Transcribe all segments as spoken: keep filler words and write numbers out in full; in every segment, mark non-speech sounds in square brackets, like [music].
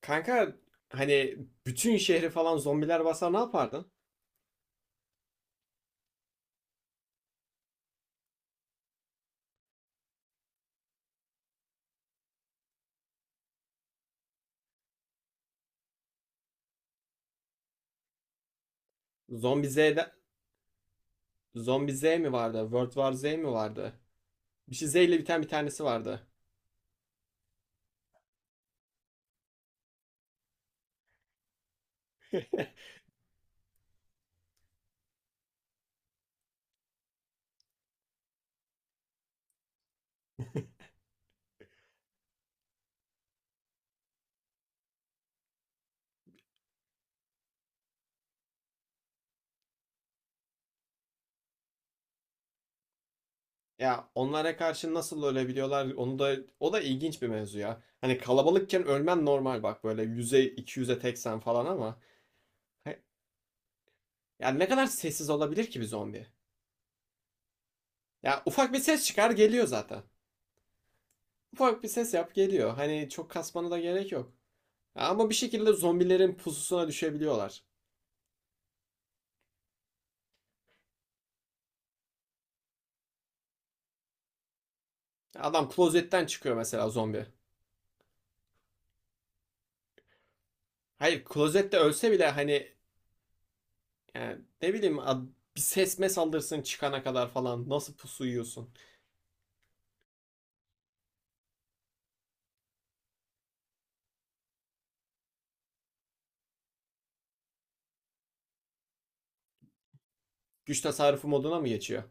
Kanka hani bütün şehri falan zombiler basa ne yapardın? Zombi Z'de Zombi Z mi vardı? World War Z mi vardı? Bir şey Z ile biten bir tanesi vardı. [laughs] Ya onlara karşı nasıl ölebiliyorlar? Onu da o da ilginç bir mevzu ya. Hani kalabalıkken ölmen normal bak böyle yüze iki yüze teksen falan ama he- ya ne kadar sessiz olabilir ki bir zombi? Ya ufak bir ses çıkar geliyor zaten. Ufak bir ses yap geliyor. Hani çok kasmana da gerek yok. Ya Ama bir şekilde zombilerin pususuna düşebiliyorlar. Adam klozetten çıkıyor mesela zombi. Hayır klozette ölse bile hani yani ne bileyim bir sesme saldırsın çıkana kadar falan nasıl pusu yiyorsun? Güç tasarrufu moduna mı geçiyor?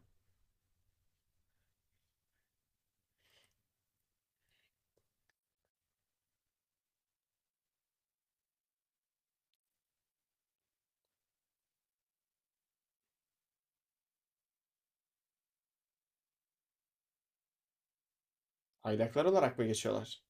Aylaklar olarak mı geçiyorlar?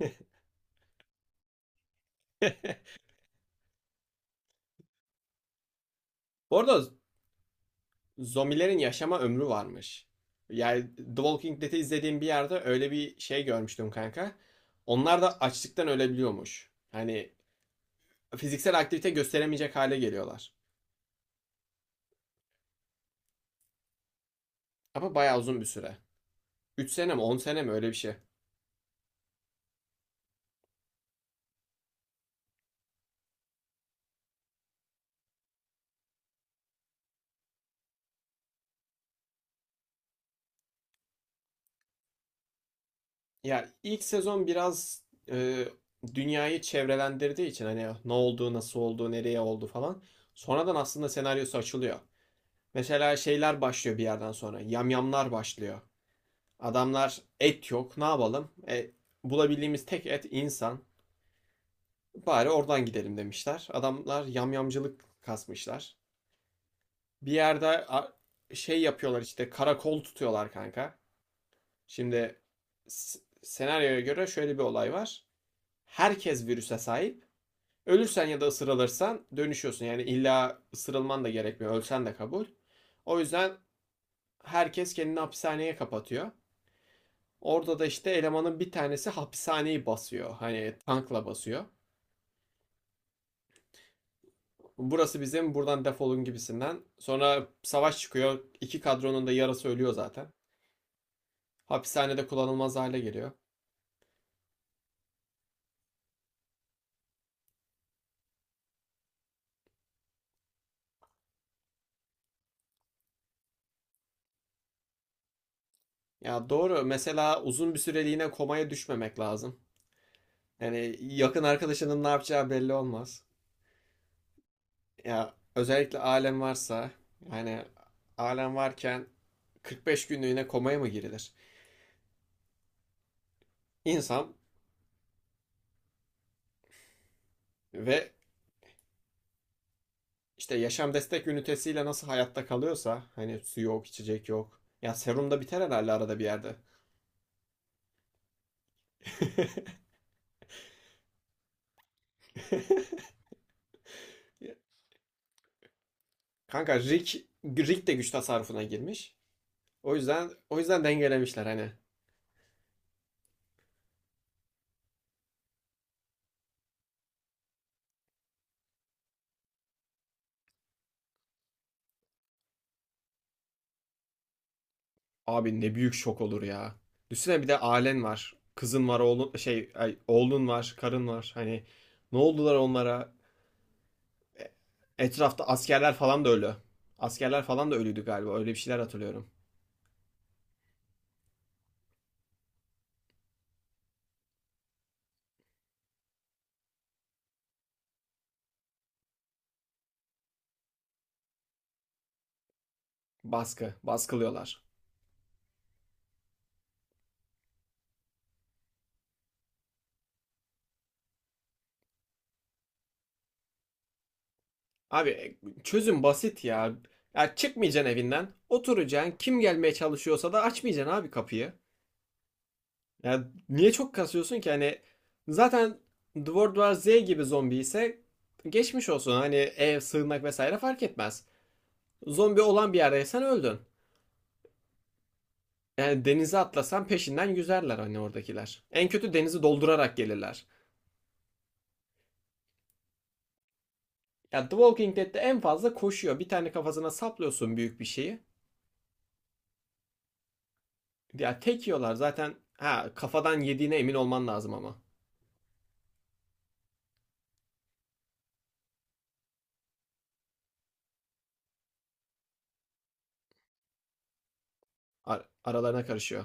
[laughs] Bu arada zombilerin yaşama ömrü varmış. Yani The Walking Dead'i izlediğim bir yerde öyle bir şey görmüştüm kanka. Onlar da açlıktan ölebiliyormuş. Hani fiziksel aktivite gösteremeyecek hale geliyorlar. Ama bayağı uzun bir süre. Üç sene mi on sene mi öyle bir şey. Ya ilk sezon biraz e, dünyayı çevrelendirdiği için hani ne oldu, nasıl oldu, nereye oldu falan. Sonradan aslında senaryosu açılıyor. Mesela şeyler başlıyor bir yerden sonra. Yamyamlar başlıyor. Adamlar et yok, ne yapalım? E, bulabildiğimiz tek et insan. Bari oradan gidelim demişler. Adamlar yamyamcılık kasmışlar. Bir yerde a- şey yapıyorlar işte, karakol tutuyorlar kanka. Şimdi senaryoya göre şöyle bir olay var. Herkes virüse sahip. Ölürsen ya da ısırılırsan dönüşüyorsun. Yani illa ısırılman da gerekmiyor. Ölsen de kabul. O yüzden herkes kendini hapishaneye kapatıyor. Orada da işte elemanın bir tanesi hapishaneyi basıyor. Hani tankla basıyor. Burası bizim, buradan defolun gibisinden. Sonra savaş çıkıyor. İki kadronun da yarısı ölüyor zaten. Hapishanede kullanılmaz hale geliyor. Ya doğru. Mesela uzun bir süreliğine komaya düşmemek lazım. Yani yakın arkadaşının ne yapacağı belli olmaz. Ya özellikle alem varsa, yani alem varken kırk beş günlüğüne komaya mı girilir? İnsan ve işte yaşam destek ünitesiyle nasıl hayatta kalıyorsa, hani su yok, içecek yok. Ya serum da biter herhalde arada bir yerde. [laughs] Kanka Rick, Rick de güç tasarrufuna girmiş. O yüzden o yüzden dengelemişler hani. Abi ne büyük şok olur ya. Düşünsene bir de ailen var. Kızın var, oğlun şey ay, oğlun var, karın var. Hani ne oldular onlara? E- Etrafta askerler falan da ölü. Askerler falan da ölüydü galiba. Öyle bir şeyler hatırlıyorum. Baskı, baskılıyorlar. Abi e, çözüm basit ya. Ya çıkmayacaksın evinden. Oturacaksın. Kim gelmeye çalışıyorsa da açmayacaksın abi kapıyı. Ya niye çok kasıyorsun ki? Hani zaten The World War Z gibi zombi ise geçmiş olsun. Hani ev, sığınmak vesaire fark etmez. Zombi olan bir yerdeysen öldün. Yani denize atlasan peşinden yüzerler hani oradakiler. En kötü denizi doldurarak gelirler. Ya The Walking Dead'de en fazla koşuyor. Bir tane kafasına saplıyorsun büyük bir şeyi. Ya tek yiyorlar zaten. Ha kafadan yediğine emin olman lazım ama. Ar- aralarına karışıyor.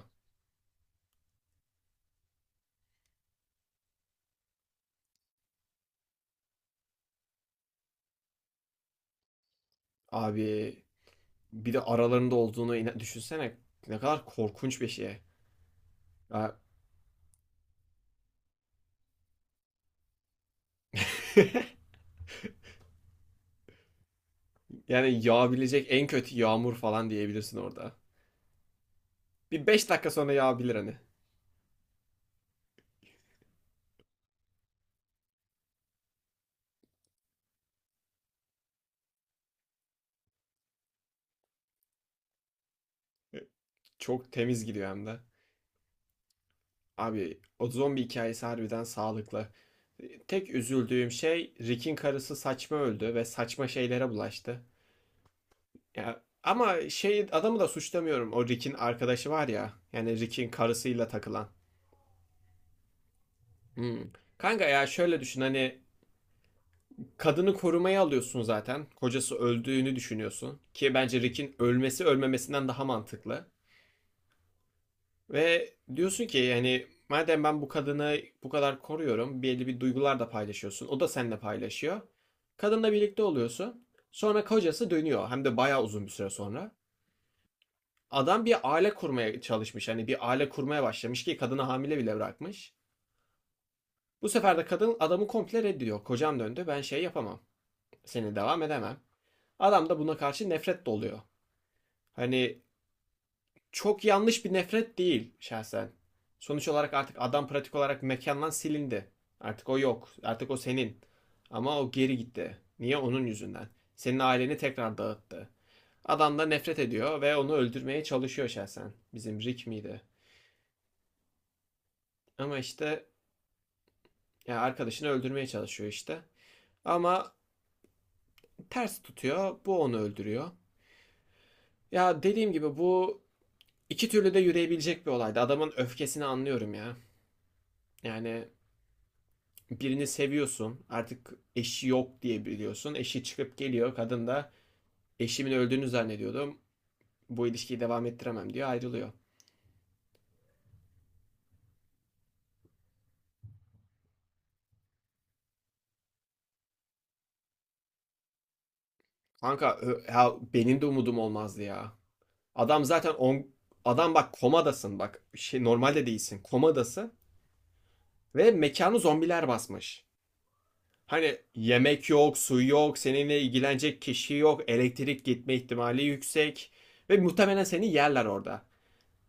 Abi bir de aralarında olduğunu ina- düşünsene. Ne kadar korkunç bir şey. Ya- yani yağabilecek en kötü yağmur falan diyebilirsin orada. Bir beş dakika sonra yağabilir hani. Çok temiz gidiyor hem de. Abi o zombi hikayesi harbiden sağlıklı. Tek üzüldüğüm şey, Rick'in karısı saçma öldü ve saçma şeylere bulaştı. Ya ama şey, adamı da suçlamıyorum. O Rick'in arkadaşı var ya. Yani Rick'in karısıyla takılan. Hmm. Kanka ya şöyle düşün, hani kadını korumaya alıyorsun zaten. Kocası öldüğünü düşünüyorsun. Ki bence Rick'in ölmesi ölmemesinden daha mantıklı. Ve diyorsun ki, yani madem ben bu kadını bu kadar koruyorum. Belli bir duygular da paylaşıyorsun. O da seninle paylaşıyor. Kadınla birlikte oluyorsun. Sonra kocası dönüyor. Hem de bayağı uzun bir süre sonra. Adam bir aile kurmaya çalışmış. Hani bir aile kurmaya başlamış ki kadını hamile bile bırakmış. Bu sefer de kadın adamı komple reddediyor. Kocam döndü, ben şey yapamam. Seni devam edemem. Adam da buna karşı nefret doluyor. Hani çok yanlış bir nefret değil şahsen. Sonuç olarak artık adam pratik olarak mekandan silindi. Artık o yok. Artık o senin. Ama o geri gitti. Niye? Onun yüzünden. Senin aileni tekrar dağıttı. Adam da nefret ediyor ve onu öldürmeye çalışıyor şahsen. Bizim Rick miydi? Ama işte, yani arkadaşını öldürmeye çalışıyor işte. Ama ters tutuyor. Bu onu öldürüyor. Ya dediğim gibi bu iki türlü de yürüyebilecek bir olaydı. Adamın öfkesini anlıyorum ya. Yani birini seviyorsun. Artık eşi yok diye biliyorsun. Eşi çıkıp geliyor. Kadın da eşimin öldüğünü zannediyordum, bu ilişkiyi devam ettiremem diyor. Ayrılıyor. Kanka ö- ya benim de umudum olmazdı ya. Adam zaten on, adam bak, komadasın, bak şey, normalde değilsin, komadasın ve mekanı zombiler basmış. Hani yemek yok, su yok, seninle ilgilenecek kişi yok, elektrik gitme ihtimali yüksek ve muhtemelen seni yerler orada.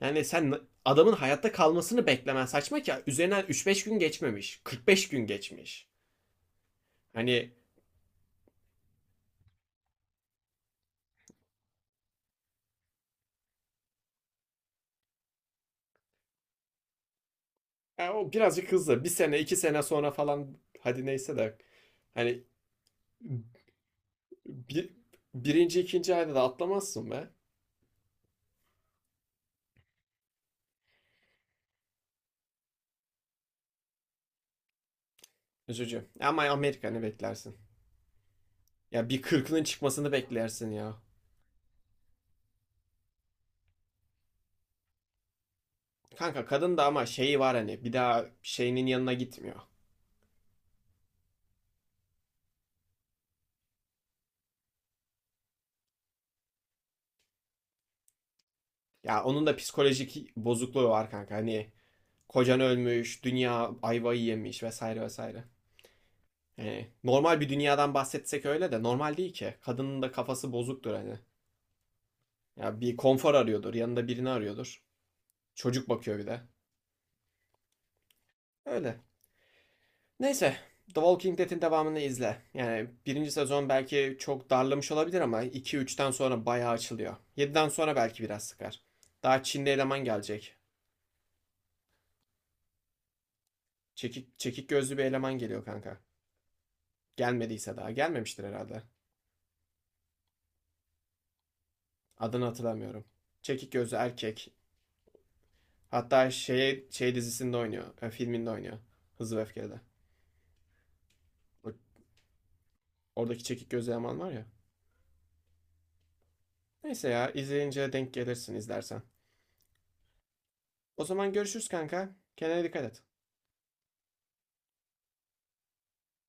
Yani sen adamın hayatta kalmasını beklemen saçma, ki üzerinden üç beş gün geçmemiş, kırk beş gün geçmiş. Hani ya o birazcık hızlı. Bir sene, iki sene sonra falan hadi neyse de, hani bir, birinci, ikinci ayda da atlamazsın be. Üzücü. Ama Amerika, ne beklersin? Ya bir kırkının çıkmasını beklersin ya. Kanka kadın da ama şeyi var, hani bir daha şeyinin yanına gitmiyor. Ya onun da psikolojik bozukluğu var kanka. Hani kocan ölmüş, dünya ayvayı yemiş vesaire vesaire. Yani normal bir dünyadan bahsetsek öyle de normal değil ki. Kadının da kafası bozuktur hani. Ya bir konfor arıyordur, yanında birini arıyordur. Çocuk bakıyor bir de. Öyle. Neyse, The Walking Dead'in devamını izle. Yani birinci sezon belki çok darlamış olabilir ama iki üçten sonra bayağı açılıyor. Yediden sonra belki biraz sıkar. Daha Çinli eleman gelecek. Çekik, çekik gözlü bir eleman geliyor kanka. Gelmediyse daha. Gelmemiştir herhalde. Adını hatırlamıyorum. Çekik gözlü erkek. Hatta şey, şey dizisinde oynuyor. E, filminde oynuyor. Hızlı ve Öfkeli'de. Oradaki çekik gözlü eleman var ya. Neyse ya, izleyince denk gelirsin izlersen. O zaman görüşürüz kanka. Kendine dikkat et.